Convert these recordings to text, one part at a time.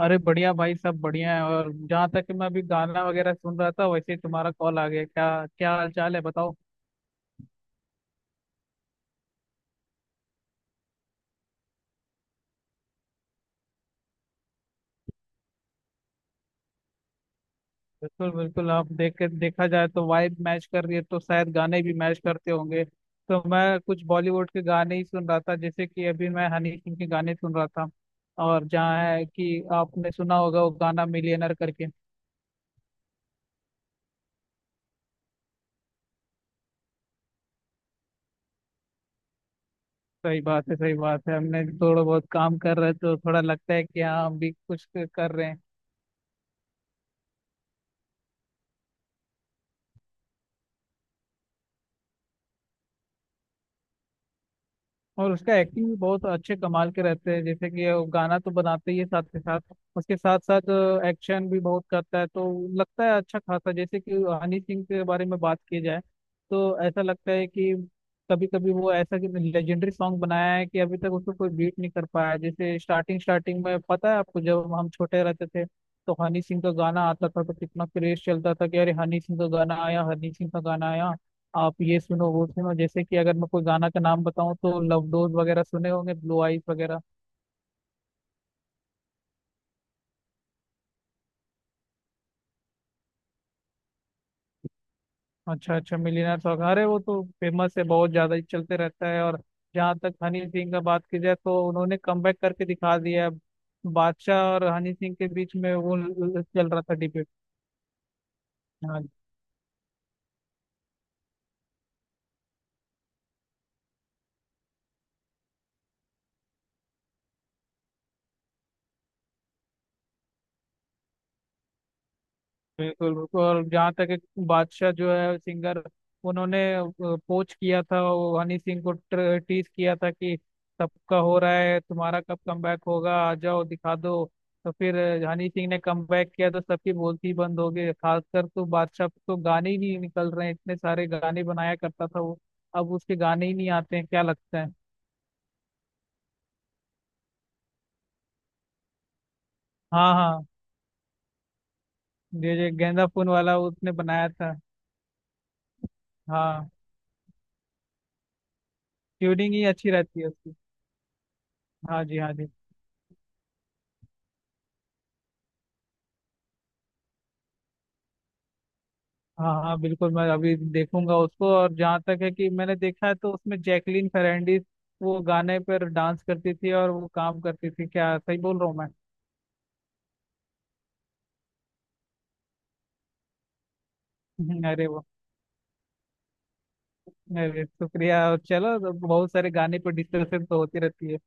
अरे बढ़िया भाई सब बढ़िया है और जहाँ तक कि मैं अभी गाना वगैरह सुन रहा था वैसे ही तुम्हारा कॉल आ गया क्या। क्या हाल चाल है बताओ। बिल्कुल बिल्कुल, आप देख के देखा जाए तो वाइब मैच कर रही है तो शायद गाने भी मैच करते होंगे। तो मैं कुछ बॉलीवुड के गाने ही सुन रहा था, जैसे कि अभी मैं हनी सिंह के गाने सुन रहा था। और जहाँ है कि आपने सुना होगा वो गाना मिलियनर करके। सही बात है, सही बात है, हमने थोड़ा बहुत काम कर रहे हैं तो थोड़ा लगता है कि हाँ हम भी कुछ कर रहे हैं। और उसका एक्टिंग भी बहुत अच्छे कमाल के रहते हैं, जैसे कि वो गाना तो बनाते ही है साथ के साथ, उसके साथ साथ एक्शन भी बहुत करता है। तो लगता है अच्छा खासा, जैसे कि हनी सिंह के बारे में बात की जाए तो ऐसा लगता है कि कभी कभी वो ऐसा कि लेजेंडरी सॉन्ग बनाया है कि अभी तक उसको कोई बीट नहीं कर पाया है। जैसे स्टार्टिंग स्टार्टिंग में पता है आपको, जब हम छोटे रहते थे तो हनी सिंह का गाना आता था तो कितना क्रेज चलता था कि अरे हनी सिंह का गाना आया, हनी सिंह का गाना आया। आप ये सुनो वो सुनो, जैसे कि अगर मैं कोई गाना का नाम बताऊं तो लव डोज वगैरह सुने होंगे, ब्लू आइज वगैरह। अच्छा अच्छा, मिलियनर सॉन्ग, अरे वो तो फेमस है, बहुत ज्यादा ही चलते रहता है। और जहाँ तक हनी सिंह का बात की जाए तो उन्होंने कमबैक करके दिखा दिया है। बादशाह और हनी सिंह के बीच में वो चल रहा था डिबेट। बिल्कुल बिल्कुल, और जहाँ तक एक बादशाह जो है सिंगर, उन्होंने पोच किया था वो, हनी सिंह को टीज किया था कि सबका हो रहा है तुम्हारा कब कमबैक होगा, आ जाओ दिखा दो। तो फिर हनी सिंह ने कमबैक किया तो सबकी बोलती बंद हो गई, खासकर तो बादशाह पे तो गाने ही नहीं निकल रहे हैं, इतने सारे गाने बनाया करता था वो। अब उसके गाने ही नहीं आते हैं, क्या लगता है। हाँ हाँ, ये जो गेंदा फूल वाला उसने बनाया था। हाँ, ट्यूनिंग ही अच्छी रहती है उसकी। हाँ जी, हाँ जी। हाँ हाँ बिल्कुल, मैं अभी देखूंगा उसको। और जहाँ तक है कि मैंने देखा है तो उसमें जैकलीन फर्नांडीज वो गाने पर डांस करती थी और वो काम करती थी क्या, सही बोल रहा हूँ मैं। अरे वो, अरे शुक्रिया। और चलो, तो बहुत सारे गाने पर डिस्कशन तो होती रहती है।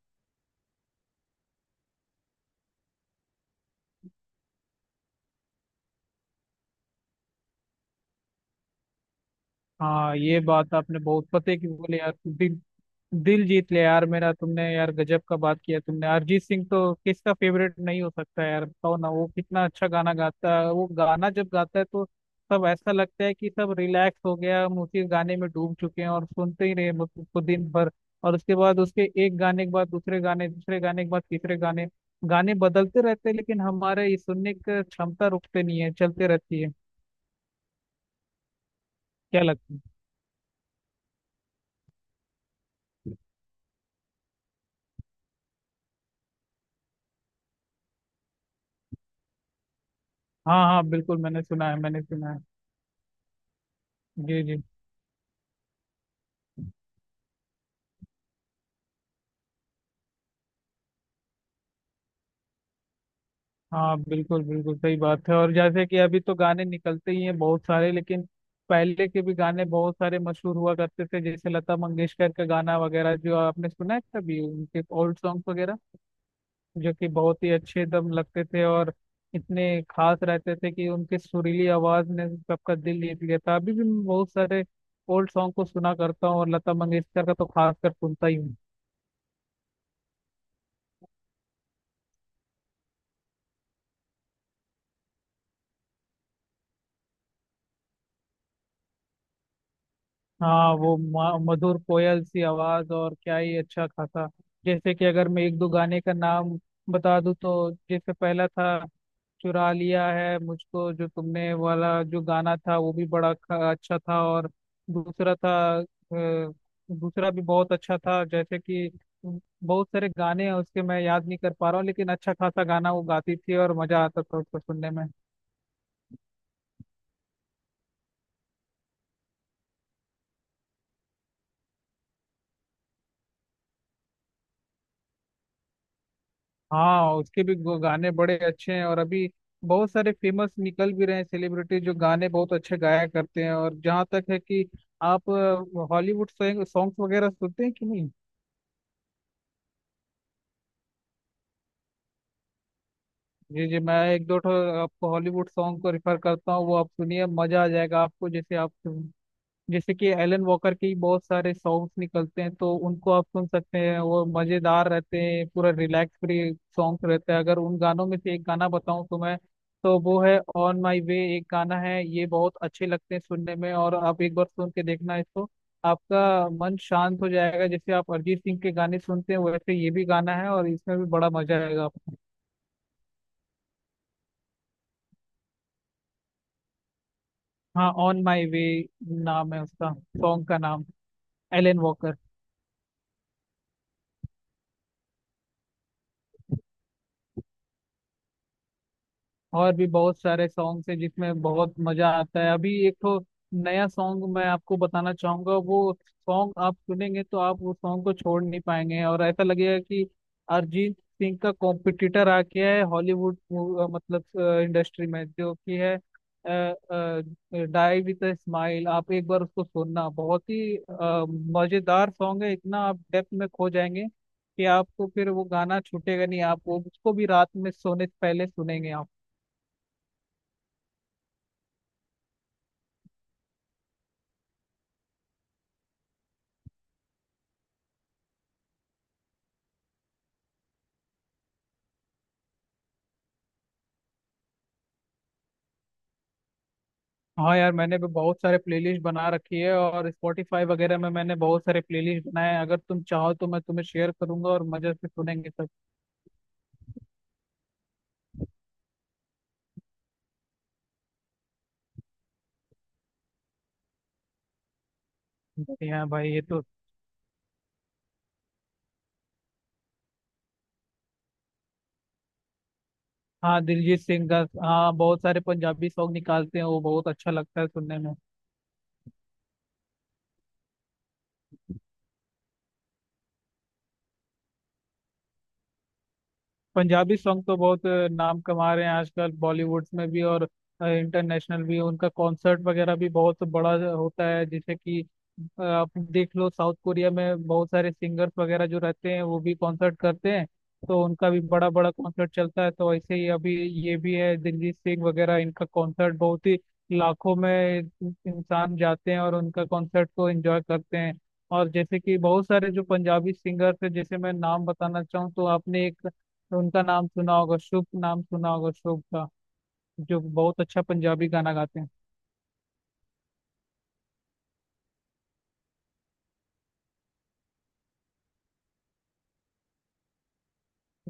हाँ ये बात आपने बहुत पते की बोले यार। दिल जीत ले यार मेरा तुमने, यार गजब का बात किया तुमने। अरिजीत सिंह तो किसका फेवरेट नहीं हो सकता यार, बताओ ना, वो कितना अच्छा गाना गाता है। वो गाना जब गाता है तो सब ऐसा लगता है कि सब रिलैक्स हो गया, हम उसी गाने में डूब चुके हैं और सुनते ही रहे बस उसको दिन भर। और उसके बाद, उसके एक गाने के बाद दूसरे गाने, दूसरे गाने के बाद तीसरे गाने, गाने बदलते रहते हैं लेकिन हमारे ये सुनने की क्षमता रुकते नहीं है, चलते रहती है। क्या लगता है। हाँ हाँ बिल्कुल, मैंने सुना है, मैंने सुना है। जी जी। हाँ बिल्कुल बिल्कुल सही बात है। और जैसे कि अभी तो गाने निकलते ही हैं बहुत सारे, लेकिन पहले के भी गाने बहुत सारे मशहूर हुआ करते थे, जैसे लता मंगेशकर का गाना वगैरह जो आपने सुना है कभी, उनके ओल्ड सॉन्ग वगैरह, जो कि बहुत ही अच्छे दम लगते थे और इतने खास रहते थे कि उनके सुरीली आवाज ने सबका दिल जीत लिया था। अभी भी मैं बहुत सारे ओल्ड सॉन्ग को सुना करता हूँ और लता मंगेशकर का तो खास कर सुनता ही हूँ। हाँ वो मधुर कोयल सी आवाज, और क्या ही अच्छा खासा। जैसे कि अगर मैं एक दो गाने का नाम बता दूं तो जैसे पहला था चुरा लिया है मुझको जो तुमने वाला, जो गाना था वो भी बड़ा अच्छा था। और दूसरा था, अ, दूसरा भी बहुत अच्छा था। जैसे कि बहुत सारे गाने हैं उसके, मैं याद नहीं कर पा रहा हूँ, लेकिन अच्छा खासा गाना वो गाती थी और मजा आता था उसको सुनने में। हाँ, उसके भी गाने बड़े अच्छे हैं। और अभी बहुत सारे फेमस निकल भी रहे हैं सेलिब्रिटी, जो गाने बहुत अच्छे गाया करते हैं। और जहाँ तक है कि आप हॉलीवुड सॉन्ग वगैरह सुनते हैं कि नहीं। जी जी, मैं एक दो ठो आपको हॉलीवुड सॉन्ग को रेफर करता हूँ, वो आप सुनिए, मजा आ जाएगा आपको। जैसे आप, जैसे कि एलन वॉकर के ही बहुत सारे सॉन्ग्स निकलते हैं, तो उनको आप सुन सकते हैं। वो मजेदार रहते हैं, पूरा रिलैक्स फ्री सॉन्ग्स रहते हैं। अगर उन गानों में से एक गाना बताऊं तो मैं, तो वो है ऑन माई वे, एक गाना है, ये बहुत अच्छे लगते हैं सुनने में, और आप एक बार सुन के देखना इसको। आपका मन शांत हो जाएगा, जैसे आप अरिजीत सिंह के गाने सुनते हैं वैसे ये भी गाना है, और इसमें भी बड़ा मजा आएगा आपको। हाँ, ऑन माई वे नाम है उसका, सॉन्ग का नाम, एलन वॉकर। और भी बहुत सारे सॉन्ग्स हैं जिसमें बहुत मजा आता है। अभी एक तो नया सॉन्ग मैं आपको बताना चाहूंगा, वो सॉन्ग आप सुनेंगे तो आप वो सॉन्ग को छोड़ नहीं पाएंगे, और ऐसा लगेगा कि अरिजीत सिंह का कॉम्पिटिटर आ गया है हॉलीवुड मतलब इंडस्ट्री में, जो कि है डाई विद अ स्माइल। आप एक बार उसको सुनना, बहुत ही मजेदार सॉन्ग है, इतना आप डेप्थ में खो जाएंगे कि आपको फिर वो गाना छूटेगा नहीं, आप वो उसको भी रात में सोने से पहले सुनेंगे आप। हाँ यार, मैंने भी बहुत सारे प्लेलिस्ट बना रखी है, और स्पॉटिफाई वगैरह में मैंने बहुत सारे प्लेलिस्ट बनाए हैं। अगर तुम चाहो तो मैं तुम्हें शेयर करूंगा और मजे से सुनेंगे सब। हाँ भाई ये तो, हाँ, दिलजीत सिंह का, हाँ बहुत सारे पंजाबी सॉन्ग निकालते हैं वो, बहुत अच्छा लगता है सुनने में। पंजाबी सॉन्ग तो बहुत नाम कमा रहे हैं आजकल बॉलीवुड में भी, और इंटरनेशनल भी उनका कॉन्सर्ट वगैरह भी बहुत बड़ा होता है। जैसे कि आप देख लो, साउथ कोरिया में बहुत सारे सिंगर्स वगैरह जो रहते हैं वो भी कॉन्सर्ट करते हैं, तो उनका भी बड़ा बड़ा कॉन्सर्ट चलता है। तो ऐसे ही अभी ये भी है दिलजीत सिंह वगैरह, इनका कॉन्सर्ट बहुत ही लाखों में इंसान जाते हैं और उनका कॉन्सर्ट को एंजॉय करते हैं। और जैसे कि बहुत सारे जो पंजाबी सिंगर्स हैं, जैसे मैं नाम बताना चाहूँ तो आपने एक तो उनका नाम सुना होगा, शुभ नाम सुना होगा, शुभ का, जो बहुत अच्छा पंजाबी गाना गाते हैं।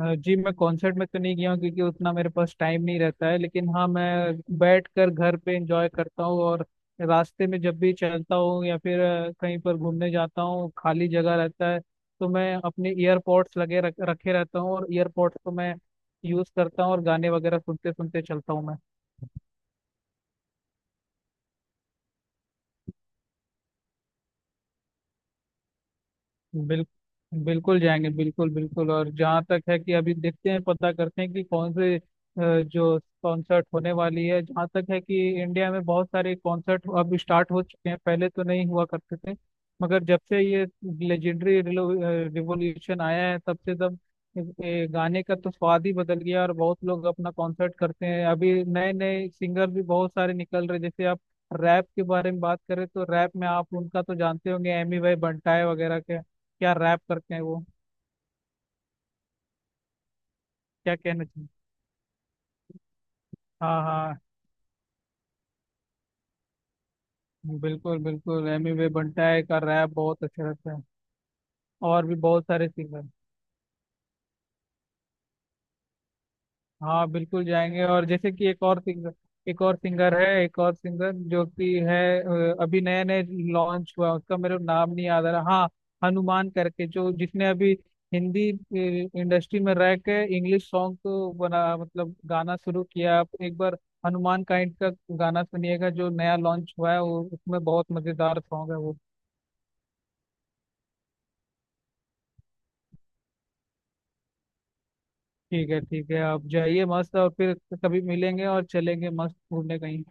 जी, मैं कॉन्सर्ट में तो नहीं गया हूँ, क्योंकि उतना मेरे पास टाइम नहीं रहता है, लेकिन हाँ मैं बैठ कर घर पे एंजॉय करता हूँ। और रास्ते में जब भी चलता हूँ या फिर कहीं पर घूमने जाता हूँ, खाली जगह रहता है तो मैं अपने ईयरपॉड्स लगे रखे रहता हूँ, और ईयरपॉड्स को मैं यूज करता हूँ और गाने वगैरह सुनते सुनते चलता हूँ मैं। बिल, बिल्कुल जाएंगे, बिल्कुल बिल्कुल। और जहाँ तक है कि अभी देखते हैं, पता करते हैं कि कौन से जो कॉन्सर्ट होने वाली है। जहाँ तक है कि इंडिया में बहुत सारे कॉन्सर्ट अब स्टार्ट हो चुके हैं, पहले तो नहीं हुआ करते थे, मगर जब से ये लेजेंडरी रिवोल्यूशन आया है, तब से तब ये गाने का तो स्वाद ही बदल गया, और बहुत लोग अपना कॉन्सर्ट करते हैं। अभी नए नए सिंगर भी बहुत सारे निकल रहे हैं। जैसे आप रैप के बारे में बात करें तो रैप में आप उनका तो जानते होंगे, एमी भाई बंटाए वगैरह के, क्या रैप करते हैं वो। क्या कहना चाहिए। हाँ हाँ, बिल्कुल बिल्कुल, एमी वे बंटाए का रैप बहुत अच्छा रहता है। और भी बहुत सारे सिंगर, हाँ बिल्कुल जाएंगे। और जैसे कि एक और सिंगर जो कि है, अभी नए नए लॉन्च हुआ, उसका मेरे को नाम नहीं याद आ रहा, हाँ, हनुमान करके, जो जिसने अभी हिंदी इंडस्ट्री में रह के इंग्लिश सॉन्ग को बना मतलब गाना शुरू किया। आप एक बार हनुमान काइंड का गाना सुनिएगा, जो नया लॉन्च हुआ है वो, उसमें बहुत मजेदार सॉन्ग है वो। ठीक है ठीक है, आप जाइए मस्त, और फिर कभी मिलेंगे और चलेंगे मस्त घूमने कहीं।